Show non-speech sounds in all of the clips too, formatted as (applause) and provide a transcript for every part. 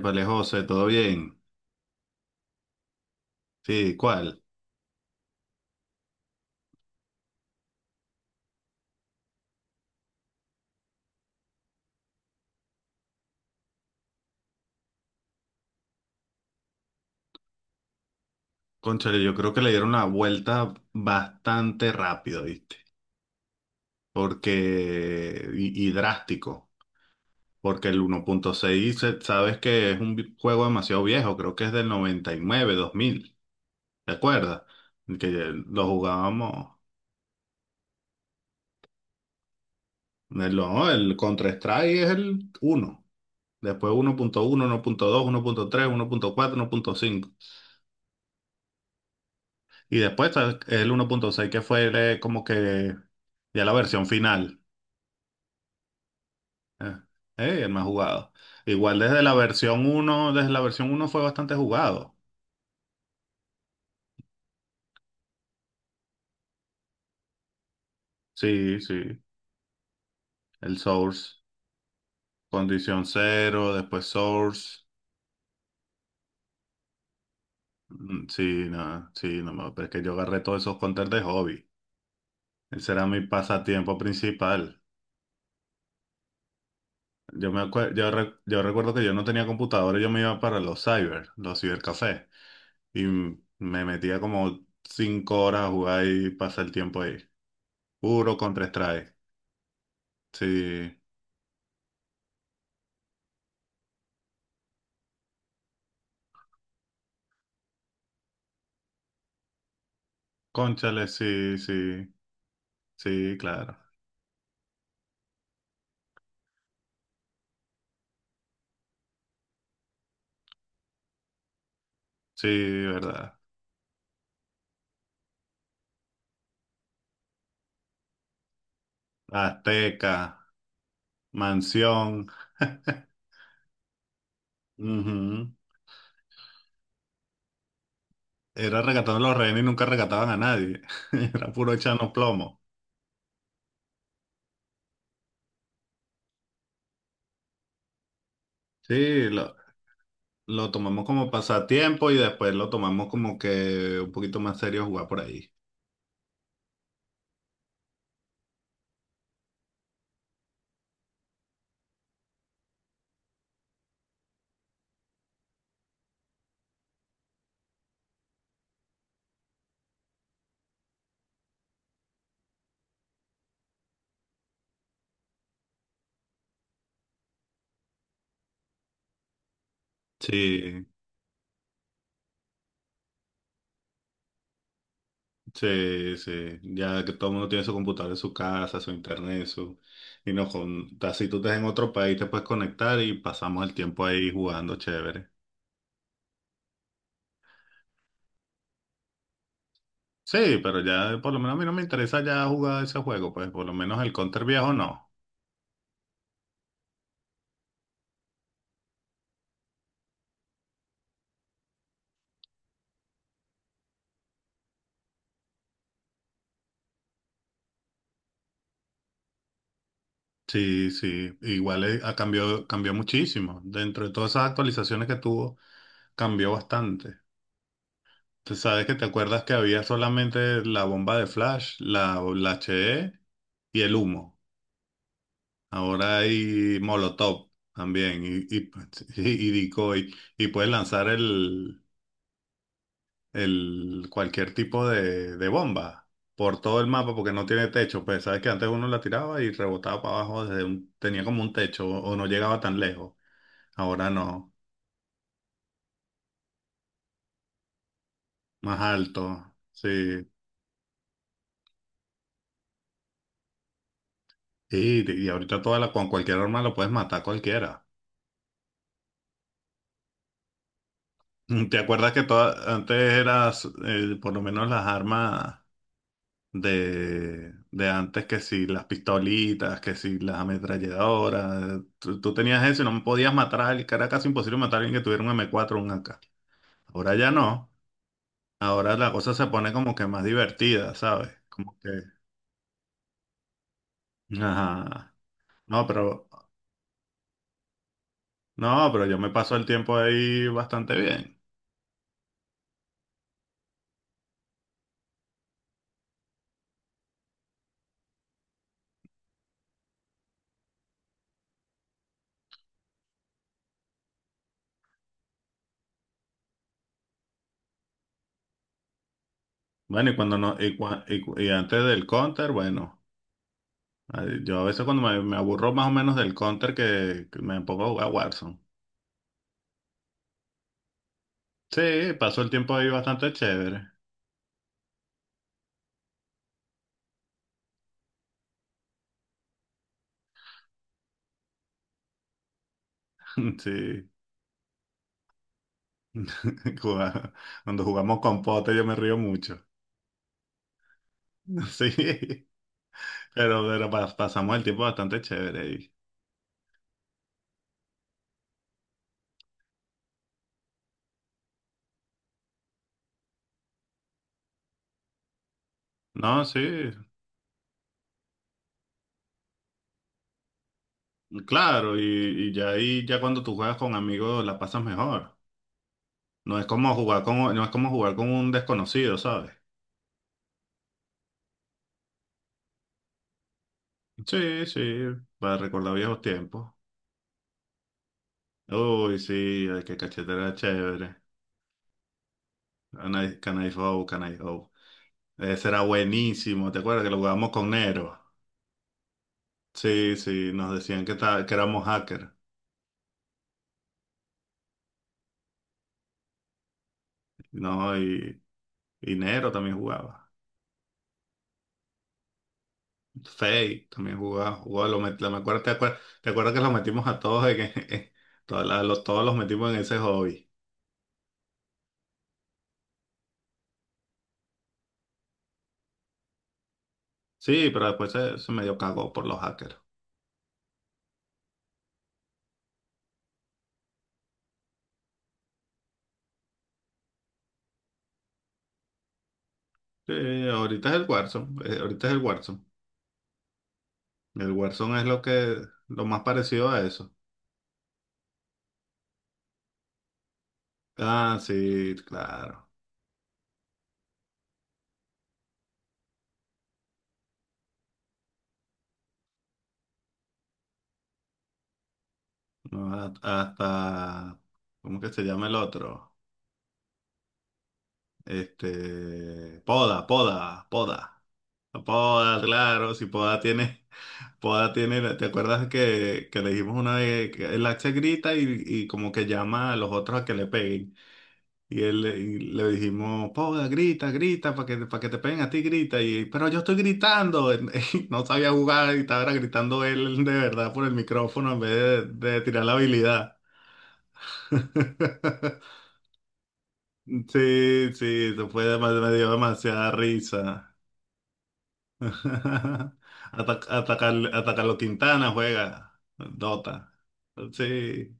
Vale José, ¿todo bien? Sí, ¿cuál? Cónchale, yo creo que le dieron la vuelta bastante rápido, ¿viste? Porque drástico, porque el 1.6, sabes que es un juego demasiado viejo, creo que es del 99, 2000, ¿te acuerdas? Que lo jugábamos, el, no, el Counter-Strike es el uno, después uno uno uno uno uno punto punto punto dos tres uno punto cuatro uno punto cinco. Y después está el 1.6 que fue como que ya la versión final. Eh, el más jugado. Igual desde la versión uno fue bastante jugado. Sí, sí. El Source, Condición Cero, después Source. Mm, sí, no, sí, no, no, pero es que yo agarré todos esos counters de hobby. Ese era mi pasatiempo principal. Yo me acue- yo, re- Yo recuerdo que yo no tenía computadora y yo me iba para los cyber, los cibercafés. Y me metía como 5 horas a jugar y pasar el tiempo ahí. Puro contra strike. Sí. Cónchale, sí, sí. Sí, claro. Sí, verdad. Azteca, Mansión. (laughs) Ujú. Era rescatando a los rehenes y nunca rescataban a nadie. (laughs) Era puro echarnos plomo. Sí, lo, lo tomamos como pasatiempo y después lo tomamos como que un poquito más serio jugar por ahí. Sí, sí, sí, ya que todo el mundo tiene su computador en su casa, su internet, su... Y no, con... así tú estás en otro país, te puedes conectar y pasamos el tiempo ahí jugando chévere. Sí, pero ya por lo menos a mí no me interesa ya jugar ese juego, pues por lo menos el Counter viejo no. Sí, sí, igual cambió muchísimo. Dentro de todas esas actualizaciones que tuvo, cambió bastante. Tú sabes que te acuerdas que había solamente la bomba de flash, la HE y el humo. Ahora hay Molotov también (laughs) y decoy, y puedes lanzar el cualquier tipo de bomba por todo el mapa porque no tiene techo. Pues sabes que antes uno la tiraba y rebotaba para abajo, tenía como un techo o no llegaba tan lejos. Ahora no, más alto. Sí. Y ahorita toda la, con cualquier arma lo puedes matar a cualquiera. (laughs) ¿Te acuerdas que antes eras, por lo menos las armas? De antes que si las pistolitas, que si las ametralladoras, tú tenías eso y no podías matar a alguien, que era casi imposible matar a alguien que tuviera un M4 o un AK. Ahora ya no, ahora la cosa se pone como que más divertida, ¿sabes? Como que, ajá, no, pero, no, pero yo me paso el tiempo ahí bastante bien. Bueno, y cuando no, y antes del counter, bueno, ay, yo a veces cuando me aburro más o menos del counter que me pongo a jugar Warzone. Sí, paso el tiempo ahí bastante chévere. (laughs) Sí, juga- cuando jugamos con pote yo me río mucho. (laughs) Sí, pasamos el tiempo bastante chévere. Y, no, sí, claro, y ya ahí, ya cuando tú juegas con amigos la pasas mejor. No es como jugar con, no es como jugar con un desconocido, ¿sabes? Sí, sí, para recordar viejos tiempos. Uy, sí, ay, qué cachetera chévere. Can I go, can I go. Ese era buenísimo, ¿te acuerdas que lo jugamos con Nero? Sí, sí, nos decían que, que éramos hackers, ¿no? Y Nero también jugaba, Fate también jugaba, me acuerdo, ¿te acuerdas que los metimos a todos, en, (laughs) en- todos los metimos en ese hobby? Sí, pero después se medio cagó por los hackers. Ahorita es el Warzone. El Warzone es lo que, lo más parecido a eso. Ah, sí, claro. No, ha- hasta, ¿cómo que se llama el otro? Este, Poda. No Poda, claro, si Poda tiene, Poda tiene, ¿te acuerdas que le dijimos una vez que el Axe grita y como que llama a los otros a que le peguen? Y le dijimos, Poda, grita, grita, para que te peguen a ti, grita. Y, pero yo estoy gritando, (laughs) y no sabía jugar y estaba gritando él de verdad por el micrófono en vez de tirar la habilidad. (laughs) Sí, sí, eso fue, me dio demasiada risa. (laughs) Ataca, atacar, atacar los Quintana juega Dota. Sí,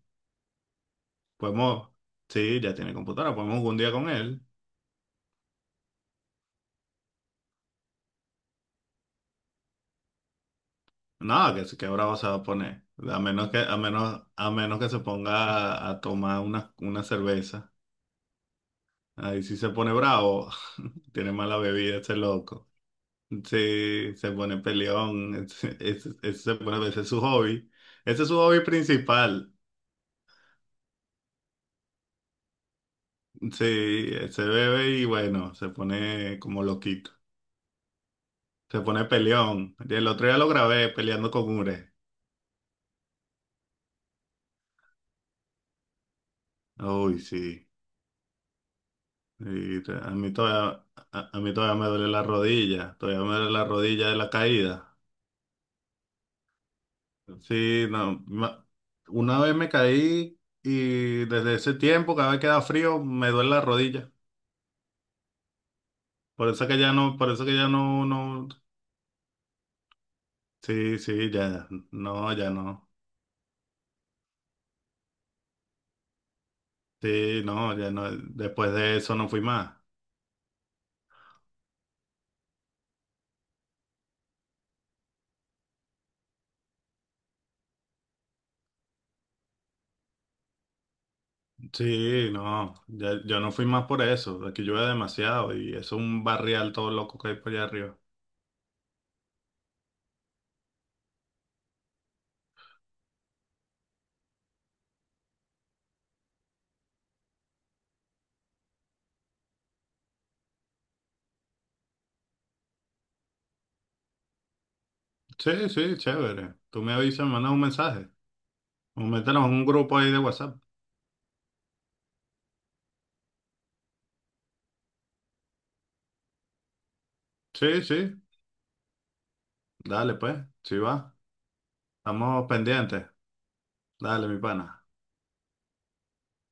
podemos. Sí, ya tiene computadora, podemos jugar un día con él. No, que bravo se va a poner. A menos que se ponga a tomar una cerveza. Ahí sí se pone bravo. (laughs) Tiene mala bebida ese loco. Sí, se pone peleón. (laughs) Ese se pone, ese es su hobby. Ese es su hobby principal. Sí, se bebe y bueno, se pone como loquito. Se pone peleón. Y el otro día lo grabé peleando con Ure. Uy, sí. Y te- a mí todavía, a mí todavía me duele la rodilla. Todavía me duele la rodilla de la caída. Sí, no. Una vez me caí y desde ese tiempo, cada vez que da frío, me duele la rodilla. Por eso que ya no, no. Sí, sí, ya. No, ya no. Sí, no, ya no. Después de eso no fui más. Sí, no, yo no fui más por eso, aquí llueve demasiado y eso es un barrial todo loco que hay por allá arriba. Sí, sí, chévere. Tú me avisas, me mandas un mensaje o mételos en un grupo ahí de WhatsApp. Sí, sí, dale pues, sí va, estamos pendientes. Dale, mi pana.